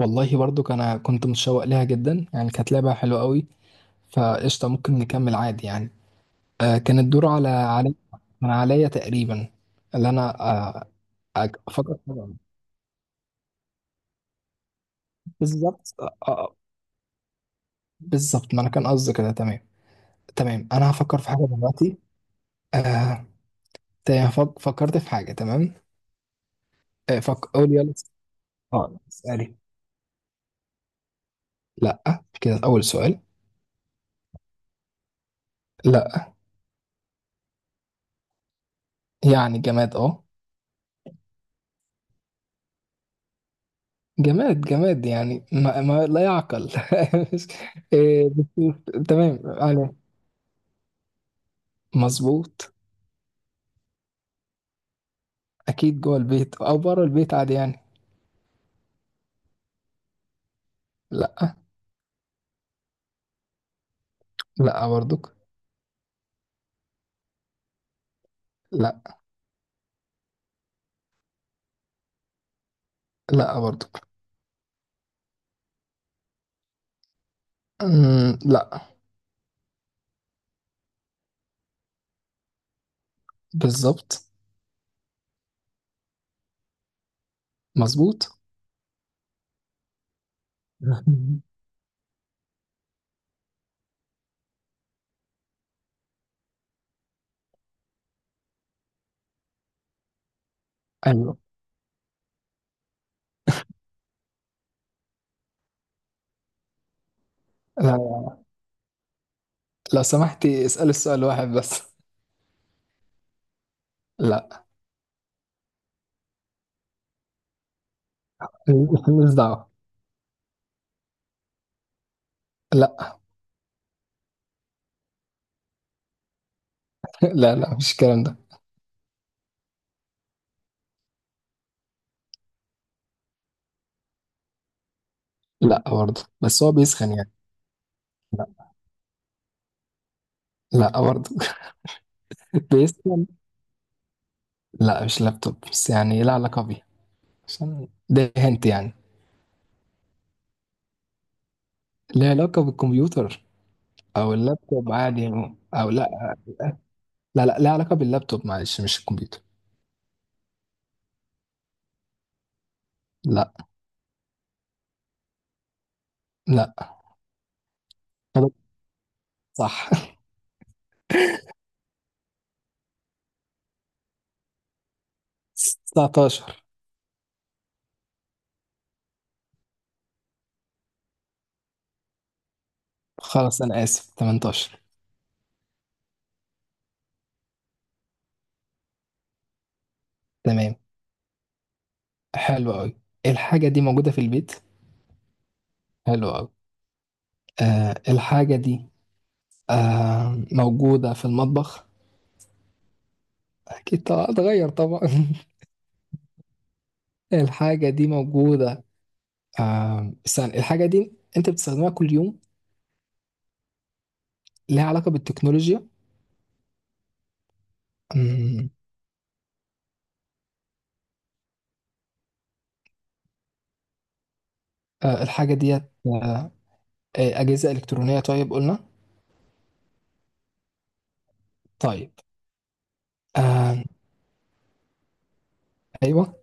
والله برضو انا كنت متشوق لها جدا، يعني كانت لعبة حلوة قوي. فقشطة ممكن نكمل عادي يعني. كان الدور على علي، من عليا تقريبا اللي انا. افكر طبعا. بالظبط بالظبط. ما انا كان قصدي كده، تمام. تمام انا هفكر في حاجة دلوقتي. آه. تمام فكرت في حاجة، تمام. قول يلا. اه اسألي. لا، كده اول سؤال. لا. يعني جماد اه. جماد جماد يعني ما لا يعقل. مش- إيه، تمام يعني. مظبوط. اكيد جوه البيت او بره البيت عادي يعني. لا. لا برضك. لا. لا برضك. لا. بالظبط. مظبوط. ايوه. لا، لو سمحتي اسألي السؤال واحد بس. لا. مش دعوة. لا. لا لا، مش الكلام ده. لا برضه، بس هو بيسخن يعني. لا. لا برضه. بيسخن. لا مش لابتوب بس، يعني لا علاقة بيه. عشان ده هنت يعني. ليه علاقة بالكمبيوتر أو اللابتوب عادي يعني. أو لا. لا لا، لها علاقة باللابتوب معلش مش الكمبيوتر. لا. لا. غلط. صح. 19. خلاص أنا آسف، 18. تمام. حلو أوي. الحاجة دي موجودة في البيت. حلو أوي. الحاجة دي موجودة في المطبخ. أكيد طبعا اتغير طبعا. الحاجة دي موجودة. استنى، الحاجة دي أنت بتستخدمها كل يوم. ليها علاقة بالتكنولوجيا. الحاجة ديت أجهزة إلكترونية طيب قلنا. طيب. آه، أيوه.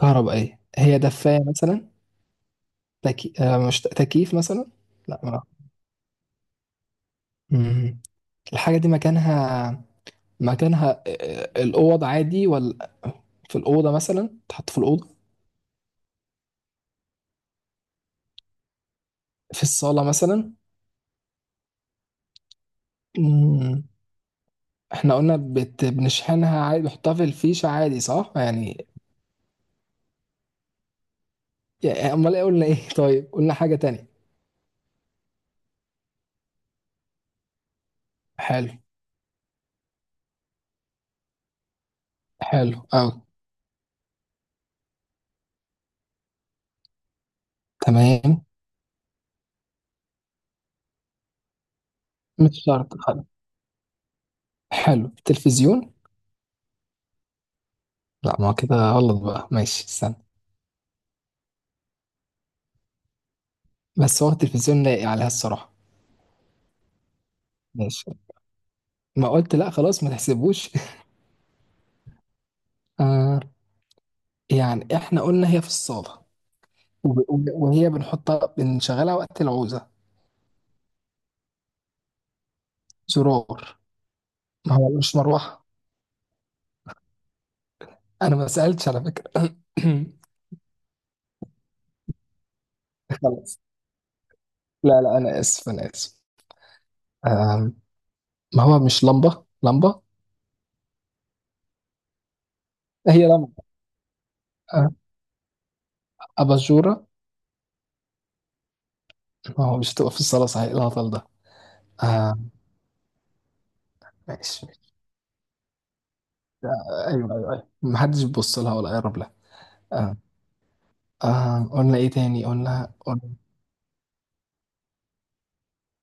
كهربائية، هي دفاية مثلا. تكي... آه، مش تكييف مثلا. لا ما. مم. الحاجة دي مكانها، مكانها الأوض عادي ولا في الأوضة مثلا، تحط في الأوضة. في الصالة مثلا. مم. احنا قلنا بنشحنها عادي، بنحطها في الفيشة عادي، صح يعني. يعني أمال إيه قلنا إيه؟ طيب قلنا حاجة تانية. حلو. حلو أوي. تمام. مش شرط. حلو. حلو التلفزيون. لا ما هو كده غلط بقى، ماشي استنى. بس هو التلفزيون لايق عليها الصراحة. ماشي. ما قلت لا خلاص ما تحسبوش. آه. يعني احنا قلنا هي في الصالة. وهي بنحطها بنشغلها وقت العوزة. زرار. ما هو مش مروحة. انا ما سألتش على فكرة. خلاص. لا لا، انا اسف انا اسف. آه. ما هو مش لمبة لمبة. هي لمبة. آه. أباجورة. ما هو مش هتبقى في الصالة صحيح الهطل ده. آه. ماشي. ايوه. ايوه ايوه محدش بيبص لها ولا يقرب لها. آه. آه. قلنا ايه تاني، قلنا.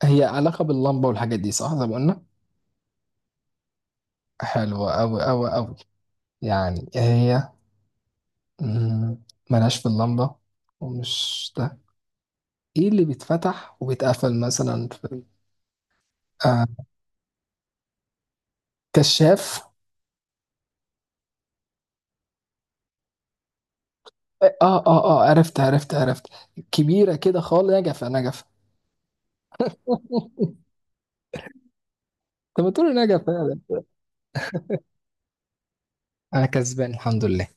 هي علاقة باللمبة والحاجات دي صح زي ما قلنا. حلوة أوي أوي أوي. يعني هي مم، ملهاش في اللمبة ومش ده. ايه اللي بيتفتح وبيتقفل مثلا في؟ آه. كشاف. اه اه اه عرفت عرفت عرفت. كبيرة كده خالص، نجفة نجفة. طب ما تقول نجفة يعني. انا كسبان الحمد لله.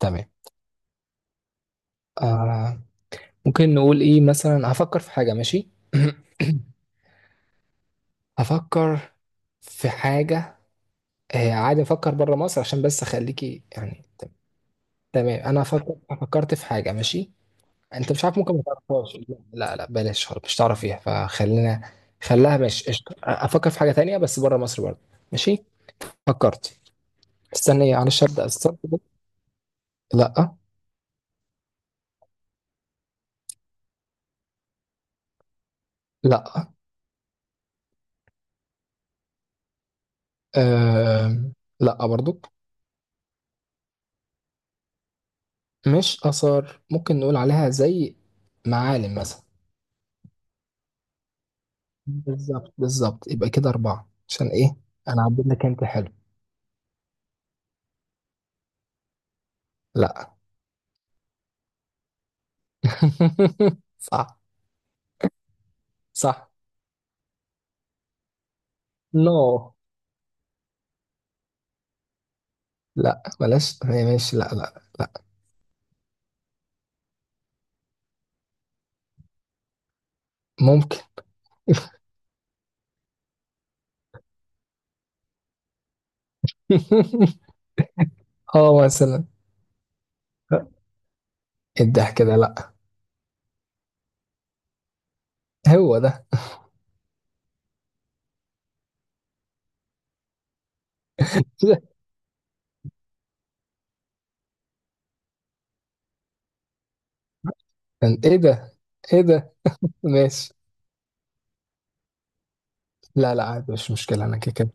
تمام. آه. ممكن نقول ايه مثلا، هفكر في حاجة. ماشي. هفكر في حاجة. عادي افكر بره مصر عشان بس اخليكي يعني. تمام انا فكرت فكرت في حاجة، ماشي. انت مش عارف ممكن ما تعرفهاش. لا لا، بلاش خالص مش تعرفيها فخلينا. خليها ماشي قشطة. افكر في حاجة تانية بس بره مصر برضه. ماشي. فكرت. استني معلش، ابدا استنى. لا. لا. آه. لا برضو. مش اثار، ممكن نقول عليها زي معالم مثلا. بالظبط بالظبط، يبقى كده أربعة عشان إيه. أنا عديت لك أنت، حلو. لا. صح. صح. نو. لا بلاش هي، ماشي لا لا لا. ممكن. اه مثلا. الضحك ده لا. هو ده. ايه ده؟ كان ايه ده؟ ايه ده؟ ماشي. لا لا عادي، مش مشكلة انا كده كده.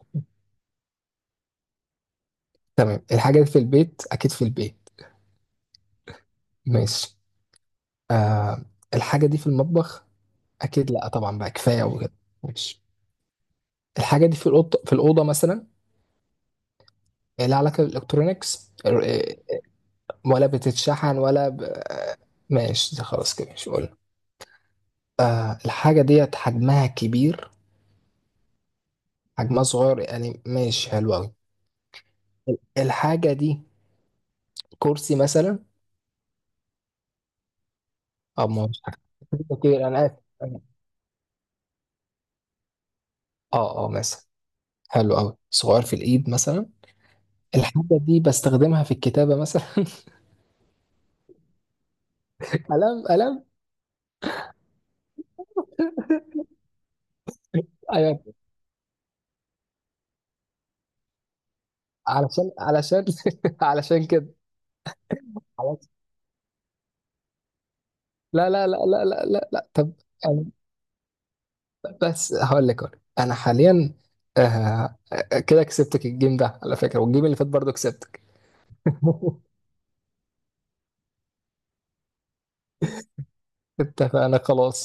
تمام. الحاجة دي في البيت، اكيد في البيت. ماشي. آه. الحاجة دي في المطبخ. اكيد لا طبعا بقى، كفاية وكده. ماشي. الحاجة دي في الأوضة، في الأوضة مثلا. لها علاقة بالإلكترونيكس ولا بتتشحن ماشي ده خلاص كده مش قلنا. الحاجة ديت حجمها كبير؟ حجمها صغير يعني، ماشي حلو أوي. الحاجة دي كرسي مثلا. أو ما هوش حاجة كبير، أنا آسف. اه اه مثلا. حلو أوي، صغير في الإيد مثلا. الحاجة دي بستخدمها في الكتابة مثلا. قلم قلم. أيوة. علشان علشان علشان كده. علشان- لا لا لا لا لا لا، لا. طب بس هقول لك أهو. انا حاليا كده كسبتك الجيم ده على فكره، والجيم اللي فات برضه كسبتك. اتفقنا خلاص.